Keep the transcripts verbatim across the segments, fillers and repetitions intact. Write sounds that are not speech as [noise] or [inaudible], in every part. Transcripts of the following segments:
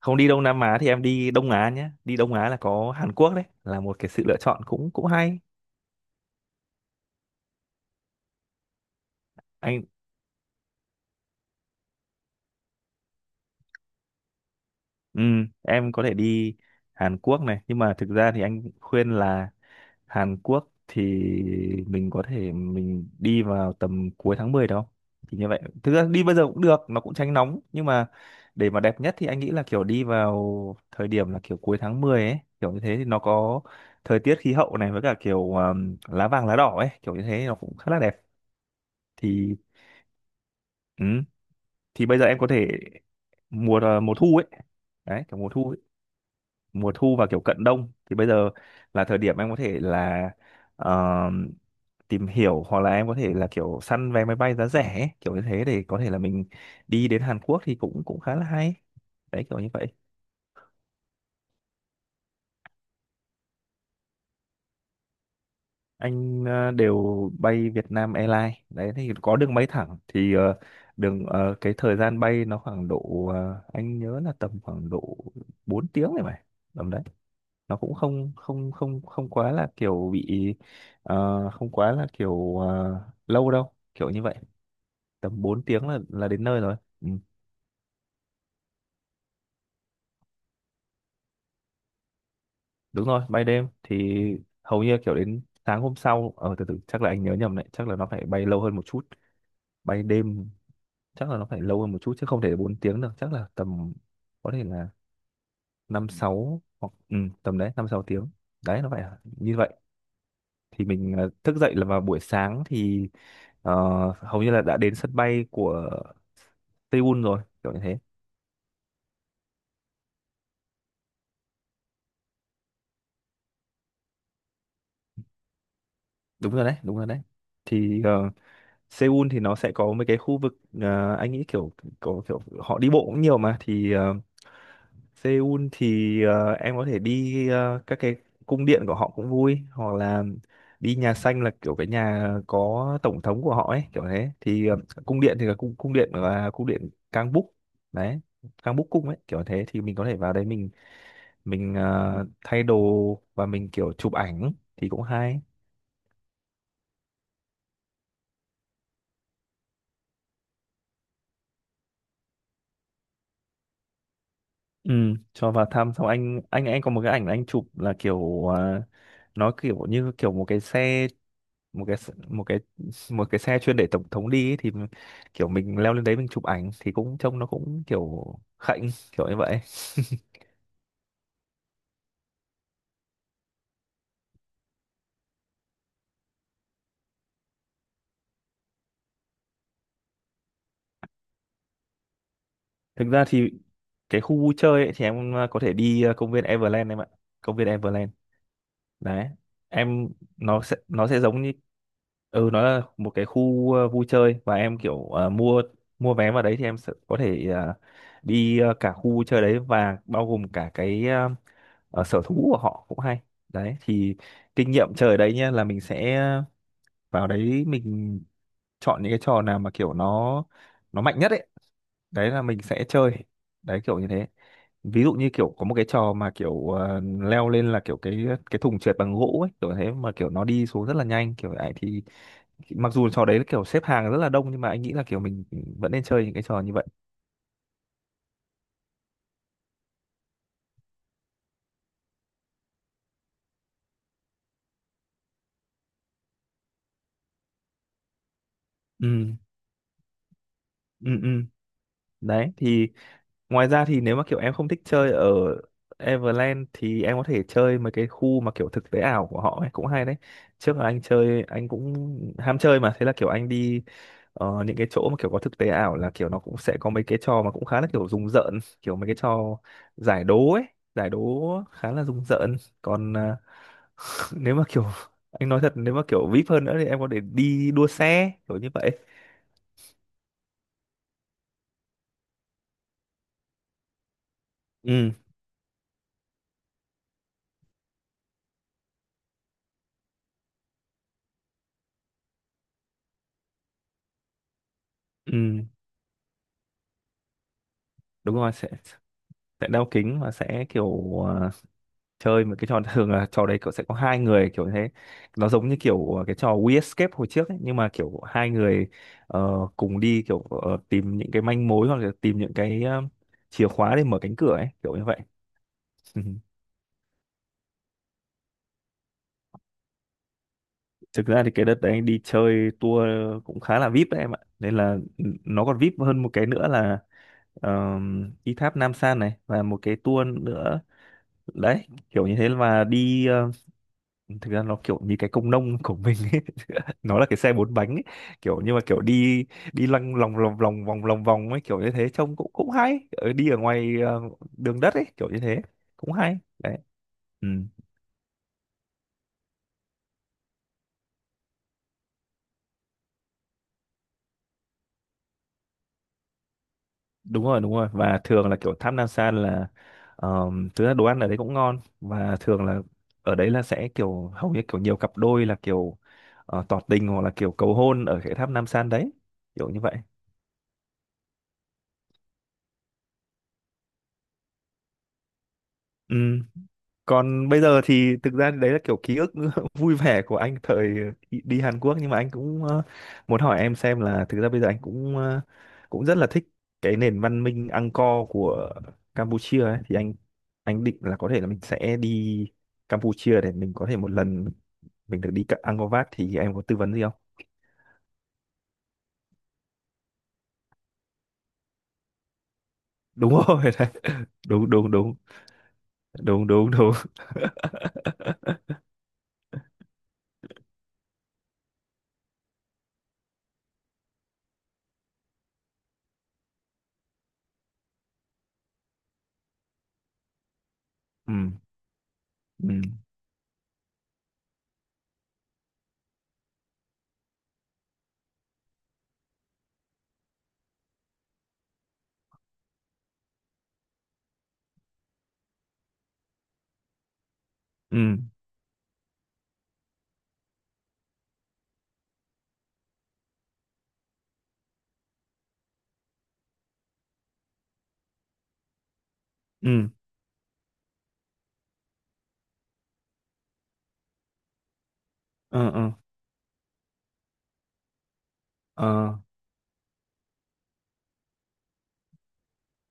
Không đi Đông Nam Á thì em đi Đông Á nhé. Đi Đông Á là có Hàn Quốc, đấy là một cái sự lựa chọn cũng cũng hay. Anh ừ, em có thể đi Hàn Quốc này, nhưng mà thực ra thì anh khuyên là Hàn Quốc thì mình có thể mình đi vào tầm cuối tháng mười đó. Thì như vậy thực ra đi bây giờ cũng được, nó cũng tránh nóng, nhưng mà để mà đẹp nhất thì anh nghĩ là kiểu đi vào thời điểm là kiểu cuối tháng mười ấy, kiểu như thế thì nó có thời tiết khí hậu này, với cả kiểu um, lá vàng lá đỏ ấy, kiểu như thế nó cũng khá là đẹp. Thì ừ, thì bây giờ em có thể mùa ờ, mùa thu ấy, đấy kiểu mùa thu ấy. Mùa thu và kiểu cận đông thì bây giờ là thời điểm em có thể là ờ, tìm hiểu, hoặc là em có thể là kiểu săn vé máy bay giá rẻ ấy, kiểu như thế, để có thể là mình đi đến Hàn Quốc thì cũng cũng khá là hay, đấy kiểu như vậy. Anh ờ, đều bay Việt Nam Airlines, đấy thì có đường bay thẳng thì ờ, đường ờ, cái thời gian bay nó khoảng độ ờ, anh nhớ là tầm khoảng độ bốn tiếng này mà, tầm đấy, nó cũng không không không không quá là kiểu bị ờ, không quá là kiểu ờ, lâu đâu, kiểu như vậy. Tầm bốn tiếng là là đến nơi rồi. Ừ, đúng rồi bay đêm thì hầu như kiểu đến sáng hôm sau. Ờ, từ từ chắc là anh nhớ nhầm đấy, chắc là nó phải bay lâu hơn một chút. Bay đêm chắc là nó phải lâu hơn một chút, chứ không thể bốn tiếng được, chắc là tầm có thể là năm sáu, hoặc ừ, tầm đấy năm sáu tiếng, đấy nó phải như vậy. Thì mình ờ, thức dậy là vào buổi sáng thì ờ, hầu như là đã đến sân bay của Seoul rồi, kiểu như thế. Đúng rồi đấy, đúng rồi đấy. Thì ờ, Seoul thì nó sẽ có mấy cái khu vực, ờ, anh nghĩ kiểu có kiểu họ đi bộ cũng nhiều mà, thì ờ, Seoul thì ờ, em có thể đi ờ, các cái cung điện của họ cũng vui, hoặc là đi nhà xanh là kiểu cái nhà có tổng thống của họ ấy, kiểu thế. Thì ờ, cung điện thì là cung cung điện là cung điện Kangbuk đấy, Kangbuk cung ấy kiểu thế, thì mình có thể vào đấy mình mình ờ, thay đồ và mình kiểu chụp ảnh thì cũng hay. Ừ, cho vào thăm xong anh anh anh có một cái ảnh anh chụp là kiểu ờ, nó kiểu như kiểu một cái xe, một cái s- một cái [laughs] một cái xe chuyên để tổng thống đi ấy, thì mình- kiểu mình leo lên đấy mình chụp ảnh thì cũng trông nó cũng kiểu khạnh kiểu như vậy. [laughs] Thực ra thì cái khu vui chơi ấy, thì em có thể đi ờ, công viên Everland em ạ, công viên Everland đấy em. Nó sẽ nó sẽ giống như ừ, nó là một cái khu ờ, vui chơi, và em kiểu ờ, mua mua vé vào đấy thì em sẽ có thể ờ, đi ờ, cả khu vui chơi đấy và bao gồm cả cái ờ, ờ, sở thú của họ cũng hay. Đấy thì kinh nghiệm chơi ở đấy nhá là mình sẽ vào đấy mình chọn những cái trò nào mà kiểu nó nó mạnh nhất ấy, đấy là mình sẽ chơi, đấy kiểu như thế. Ví dụ như kiểu có một cái trò mà kiểu ờ, leo lên là kiểu cái cái thùng trượt bằng gỗ ấy, kiểu thế, mà kiểu nó đi xuống rất là nhanh kiểu ấy, thì mặc dù trò đấy là kiểu xếp hàng rất là đông, nhưng mà anh nghĩ là kiểu mình vẫn nên chơi những cái trò như vậy. Ừ ừ ừ Đấy thì ngoài ra, thì nếu mà kiểu em không thích chơi ở Everland thì em có thể chơi mấy cái khu mà kiểu thực tế ảo của họ ấy cũng hay đấy. Trước là anh chơi, anh cũng ham chơi mà, thế là kiểu anh đi ờ, những cái chỗ mà kiểu có thực tế ảo, là kiểu nó cũng sẽ có mấy cái trò mà cũng khá là kiểu rùng rợn, kiểu mấy cái trò giải đố ấy, giải đố khá là rùng rợn. Còn ờ, [laughs] nếu mà kiểu anh nói thật, nếu mà kiểu vê i pi hơn nữa thì em có thể đi đua xe kiểu như vậy. Ừ, ừ, đúng rồi, sẽ sẽ đeo kính và sẽ kiểu à, chơi một cái trò [laughs] thường là trò đấy cậu sẽ có hai người kiểu thế, nó giống như kiểu ờ, cái trò We Escape hồi trước ấy, nhưng mà kiểu hai người ờ, cùng đi kiểu ờ, tìm những cái manh mối, hoặc là tìm những cái ờ, chìa khóa để mở cánh cửa ấy, kiểu như vậy. [laughs] Thực ra thì cái đợt đấy anh đi chơi tour cũng khá là vê i pi đấy em ạ, nên là ừ, nó còn vê i pi hơn một cái nữa là uh, đi tháp Nam San này và một cái tour nữa. Đấy kiểu như thế, mà đi ờ, thực ra nó kiểu như cái công nông của mình ấy. [laughs] Nó là cái xe bốn bánh ấy, kiểu nhưng mà kiểu đi đi lăng lòng lòng lòng vòng lòng vòng ấy, kiểu như thế, trông cũng cũng hay, ở đi ở ngoài ờ, đường đất ấy, kiểu như thế, cũng hay đấy. Ừ, đúng rồi, đúng rồi, và thường là kiểu Tham Nam San là ờm, thực ra đồ ăn ở đấy cũng ngon, và thường là ở đấy là sẽ kiểu hầu như kiểu nhiều cặp đôi là kiểu ờ, tỏ tình, hoặc là kiểu cầu hôn ở cái tháp Nam San đấy, kiểu như vậy. Ừ, còn bây giờ thì thực ra đấy là kiểu ký ức [laughs] vui vẻ của anh thời đi Hàn Quốc. Nhưng mà anh cũng ờ, muốn hỏi em xem, là thực ra bây giờ anh cũng ờ, cũng rất là thích cái nền văn minh Angkor của Campuchia ấy. Thì anh anh định là có thể là mình sẽ đi Campuchia để mình có thể một lần mình được đi cả Angkor Wat. Thì em có tư vấn gì không? Đúng rồi, [laughs] đấy. Đúng đúng đúng, đúng đúng đúng. [laughs] Ừ ừ ừ ừ ừ ừ.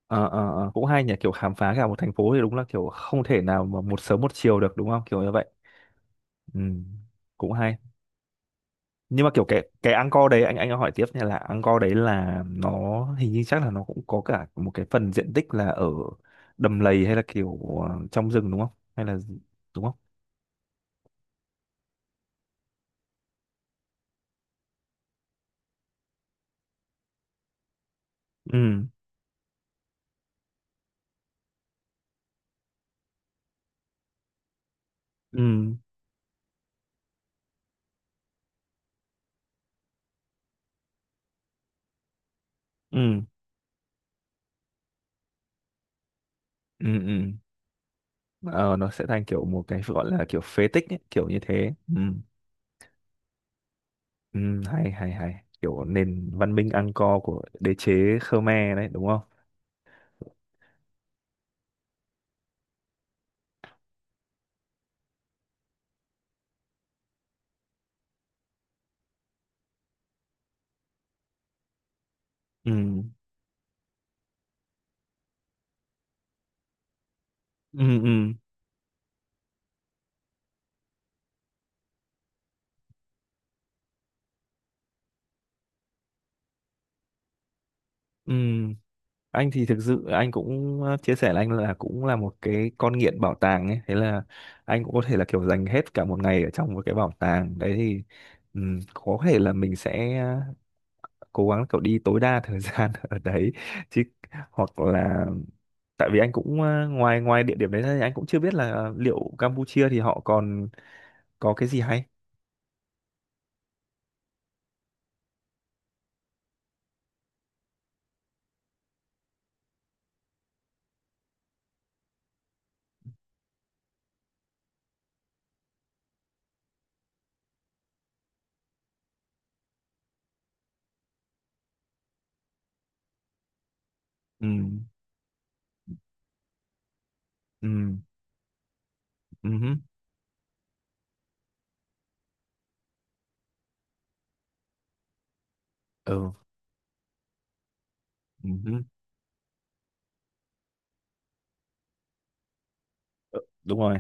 Ờ, ờ, ờ, cũng hay nhỉ, kiểu khám phá cả một thành phố thì đúng là kiểu không thể nào mà một sớm một chiều được, đúng không, kiểu như vậy. Ừ, cũng hay. Nhưng mà kiểu cái cái Angkor đấy, anh anh hỏi tiếp nha, là Angkor đấy là nó hình như chắc là nó cũng có cả một cái phần diện tích là ở đầm lầy, hay là kiểu ờ, trong rừng, đúng không, hay là gì? Đúng không? Ừ ừ ừ ừ ừ. Ờ, nó sẽ thành kiểu một cái gọi là kiểu phế tích ấy, kiểu như thế. Ừ, ừ, hay hay hay, kiểu nền văn minh Angkor của đế chế Khmer đấy, đúng không? Ừ ừ ừ ừ. Anh thì thực sự anh cũng ờ, chia sẻ là anh là cũng là một cái con nghiện bảo tàng ấy, thế là anh cũng có thể là kiểu dành hết cả một ngày ở trong một cái bảo tàng đấy. Thì ừ, có thể là mình sẽ ờ, cố gắng kiểu đi tối đa thời [laughs] gian ở đấy chứ, hoặc là, tại vì anh cũng ờ, ngoài ngoài địa điểm đấy ra thì anh cũng chưa biết là liệu Campuchia thì họ còn có cái gì hay. Ừ ừ ừ hứ, ừ ừ hứ, ừ, đúng rồi.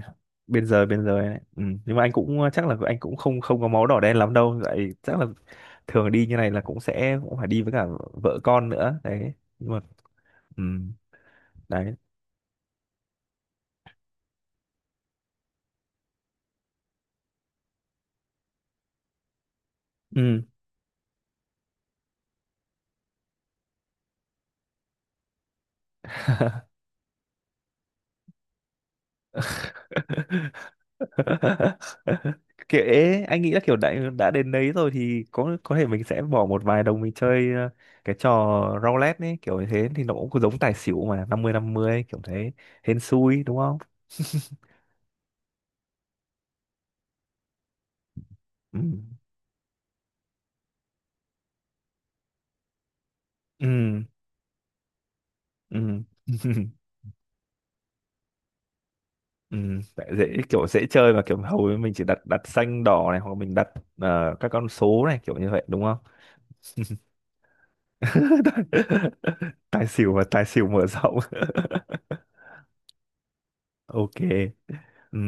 Bên giới, bên giới, đấy. Ừ, nhưng mà anh cũng chắc là anh cũng không không có máu đỏ đen lắm đâu, vậy chắc là thường đi như này là cũng sẽ cũng phải đi với cả vợ con nữa đấy. Nhưng mà ừ, đấy. Ừ, [laughs] kệ, anh nghĩ là kiểu đã đã đến đấy rồi thì có có thể mình sẽ bỏ một vài đồng mình chơi ờ, cái trò roulette ấy, kiểu như thế, thì nó cũng giống tài xỉu, mà năm mươi năm mươi kiểu thế, hên xui, đúng không? Ừ ừ ừ [laughs] ừ. Tại dễ, kiểu dễ chơi mà, kiểu hầu như mình chỉ đặt, đặt xanh đỏ này, hoặc mình đặt ờ, các con số này, kiểu như vậy đúng không? [laughs] Tài xỉu và tài xỉu mở rộng. [laughs] Ok. Ừ.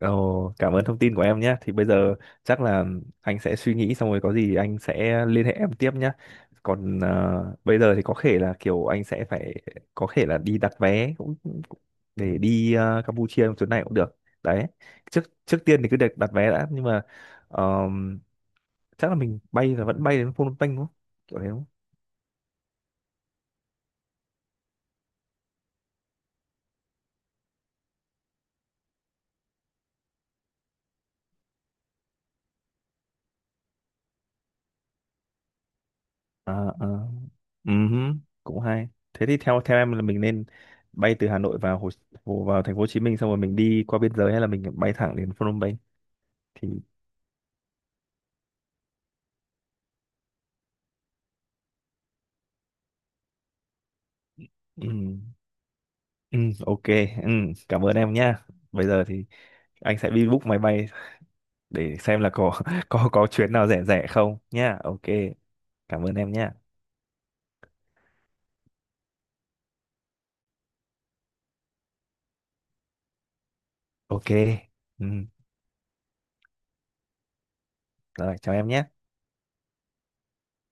Ồ, cảm ơn thông tin của em nhé. Thì bây giờ chắc là anh sẽ suy nghĩ, xong rồi có gì anh sẽ liên hệ em tiếp nhé. Còn ờ, bây giờ thì có thể là kiểu anh sẽ phải có thể là đi đặt vé cũng cũng- để đi ờ, Campuchia trong chuyến này cũng được. Đấy. Trước trước tiên thì cứ đặt đặt vé đã, nhưng mà ờm, chắc là mình bay là vẫn bay đến Phnom Penh đúng không? Kiểu thế đúng không? Ờ ờ, ừm, cũng hay. Thế thì theo theo em là mình nên bay từ Hà Nội vào Hồ, Hồ vào thành phố Hồ Chí Minh, xong rồi mình đi qua biên giới, hay là mình bay thẳng đến Phnom Penh? Thì ừm, ừm, ok. Ừm, cảm ơn em nhá. Bây giờ thì anh sẽ đi book máy bay để xem là có [laughs] có có chuyến nào rẻ rẻ không nhá. Ok. Cảm ơn em nhá. Ok. Ừm, rồi chào em nhé.